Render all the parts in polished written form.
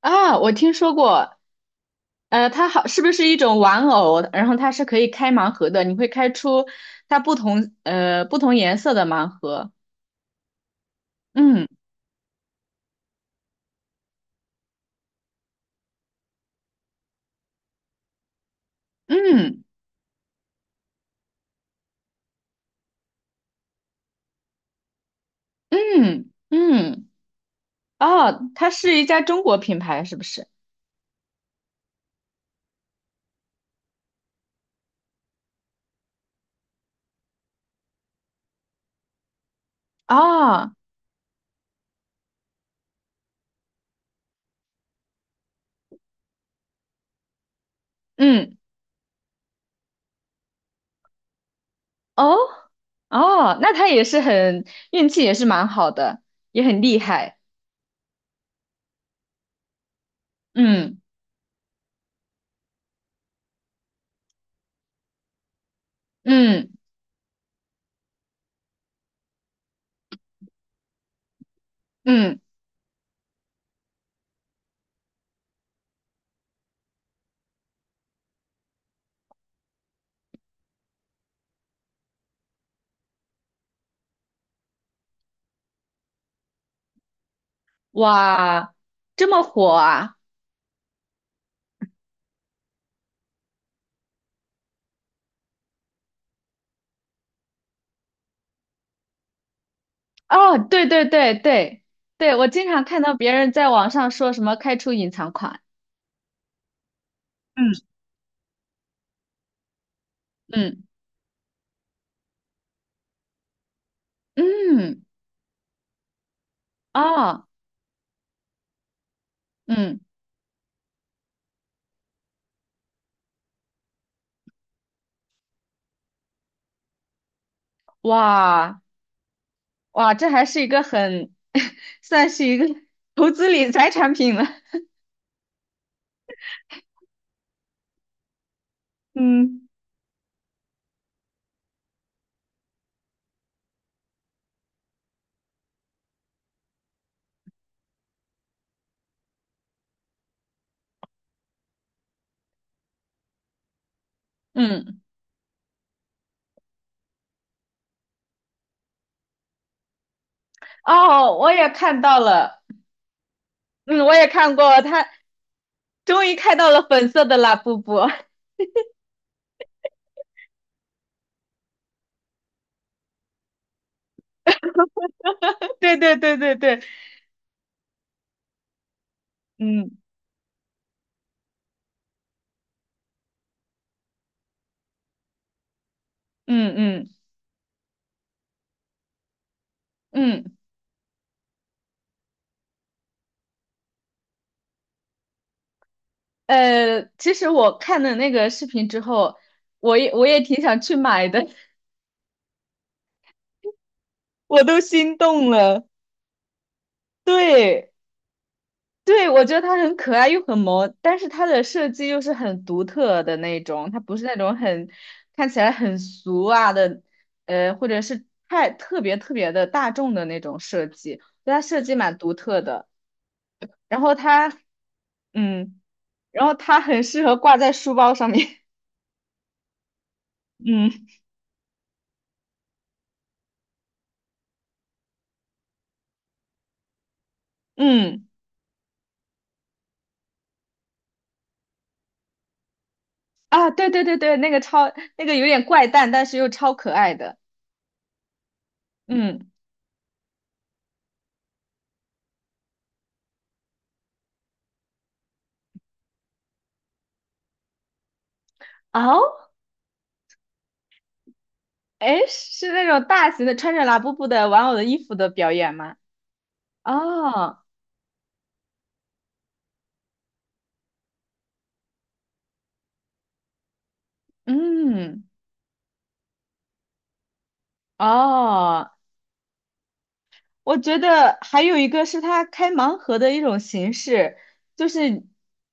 啊，我听说过，它好，是不是一种玩偶？然后它是可以开盲盒的，你会开出它不同颜色的盲盒。嗯嗯嗯嗯，哦，它是一家中国品牌，是不是？哦，嗯哦哦，那它也是很运气也是蛮好的，也很厉害。嗯嗯嗯，哇，这么火啊！哦，对对对对对，我经常看到别人在网上说什么开出隐藏款，嗯，嗯嗯哦嗯，哇哇，这还是一个很 算是一个 投资理财产品了，嗯嗯哦，我也看到了，嗯，我也看过，他终于看到了粉色的拉布布，对对对对对，嗯嗯嗯嗯。其实我看了那个视频之后，我也我也挺想去买的，我都心动了。对对，我觉得它很可爱又很萌，但是它的设计又是很独特的那种，它不是那种很看起来很俗啊的，或者是太特别特别的大众的那种设计，对它设计蛮独特的。然后它，嗯，然后它很适合挂在书包上面，嗯嗯。啊，对对对对，那个超那个有点怪诞，但是又超可爱的。嗯，哦，哎，是那种大型的穿着拉布布的玩偶的衣服的表演吗？哦，嗯，哦，我觉得还有一个是他开盲盒的一种形式，就是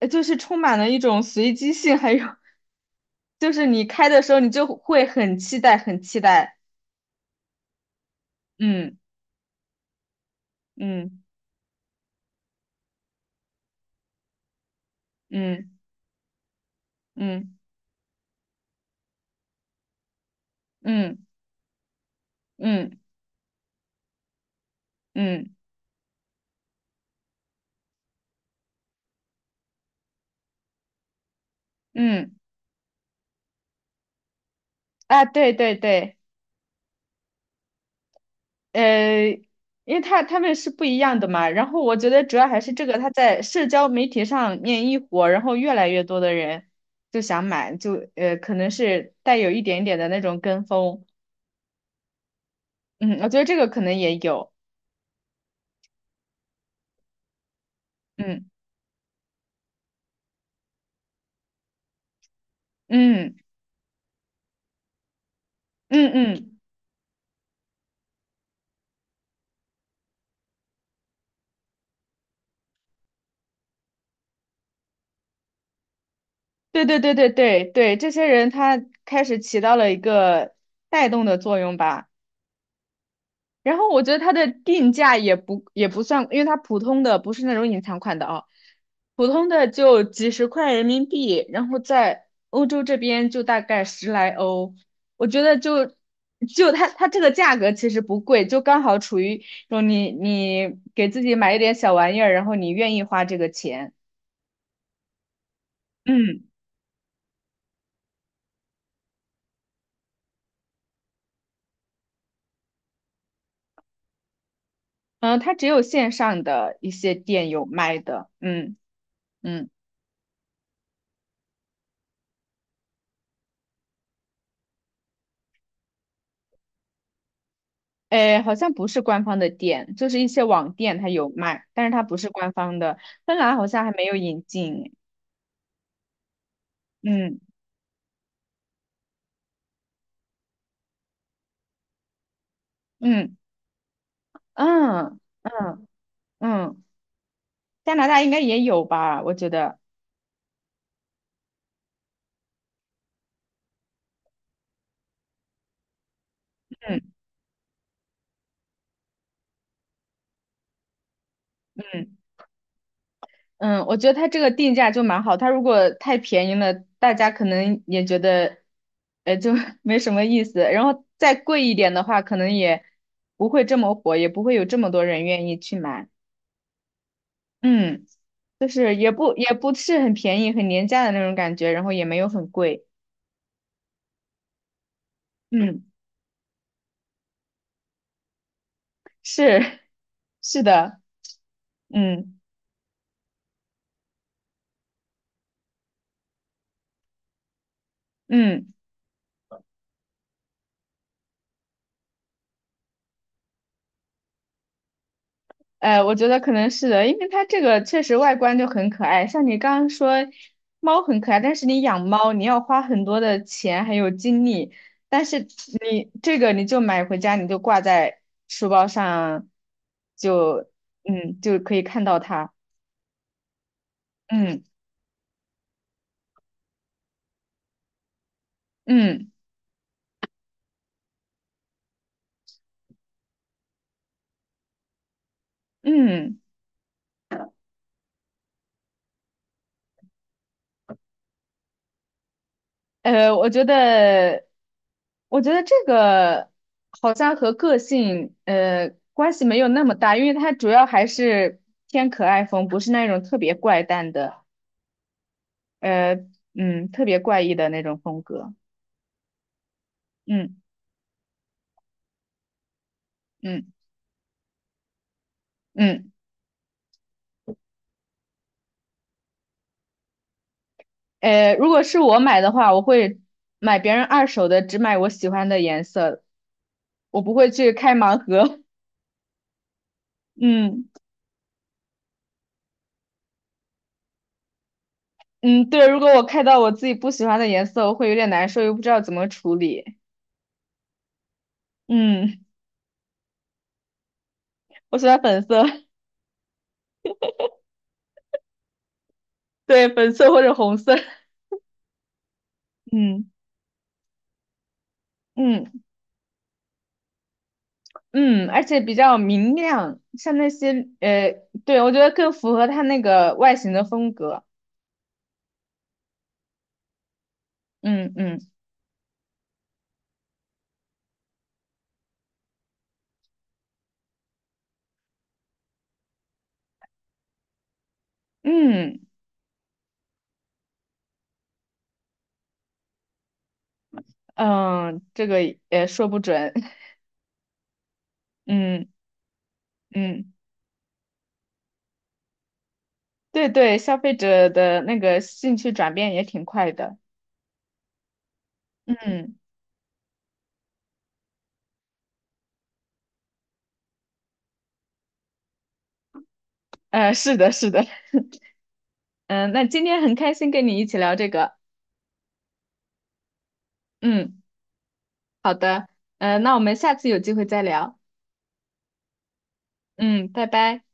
就是充满了一种随机性，还有就是你开的时候你就会很期待，很期待。嗯嗯嗯嗯嗯嗯嗯。嗯嗯啊，对对对，呃，因为他他们是不一样的嘛，然后我觉得主要还是这个，他在社交媒体上面一火，然后越来越多的人就想买，可能是带有一点点的那种跟风，嗯，我觉得这个可能也有，嗯嗯嗯嗯，对对对对对对，这些人他开始起到了一个带动的作用吧。然后我觉得它的定价也不也不算，因为它普通的不是那种隐藏款的啊，普通的就几十块人民币，然后在欧洲这边就大概十来欧，我觉得就就它它这个价格其实不贵，就刚好处于说你你给自己买一点小玩意儿，然后你愿意花这个钱，嗯嗯，它只有线上的一些店有卖的，嗯嗯。诶，好像不是官方的店，就是一些网店它有卖，但是它不是官方的。芬兰好像还没有引进。嗯嗯嗯嗯嗯，加拿大应该也有吧？我觉得。嗯嗯嗯，我觉得它这个定价就蛮好。它如果太便宜了，大家可能也觉得，就 没什么意思。然后再贵一点的话，可能也不会这么火，也不会有这么多人愿意去买。嗯。就是也不也不是很便宜，很廉价的那种感觉，然后也没有很贵。嗯，是 是的，嗯嗯，我觉得可能是的，因为它这个确实外观就很可爱，像你刚刚说猫很可爱，但是你养猫你要花很多的钱还有精力，但是你这个你就买回家你就挂在书包上，就嗯就可以看到它，嗯嗯嗯。呃，我觉得，我觉得这个好像和个性关系没有那么大，因为它主要还是偏可爱风，不是那种特别怪诞的，呃，嗯，特别怪异的那种风格。嗯嗯嗯，如果是我买的话，我会买别人二手的，只买我喜欢的颜色，我不会去开盲盒。嗯嗯，对，如果我开到我自己不喜欢的颜色，我会有点难受，又不知道怎么处理。嗯。我喜欢粉色，对，粉色或者红色，嗯嗯嗯，而且比较明亮，像那些对，我觉得更符合它那个外形的风格，嗯嗯嗯嗯，这个也说不准，嗯嗯，对对，消费者的那个兴趣转变也挺快的，嗯是的是的，嗯，那今天很开心跟你一起聊这个，嗯，好的，那我们下次有机会再聊，嗯，拜拜。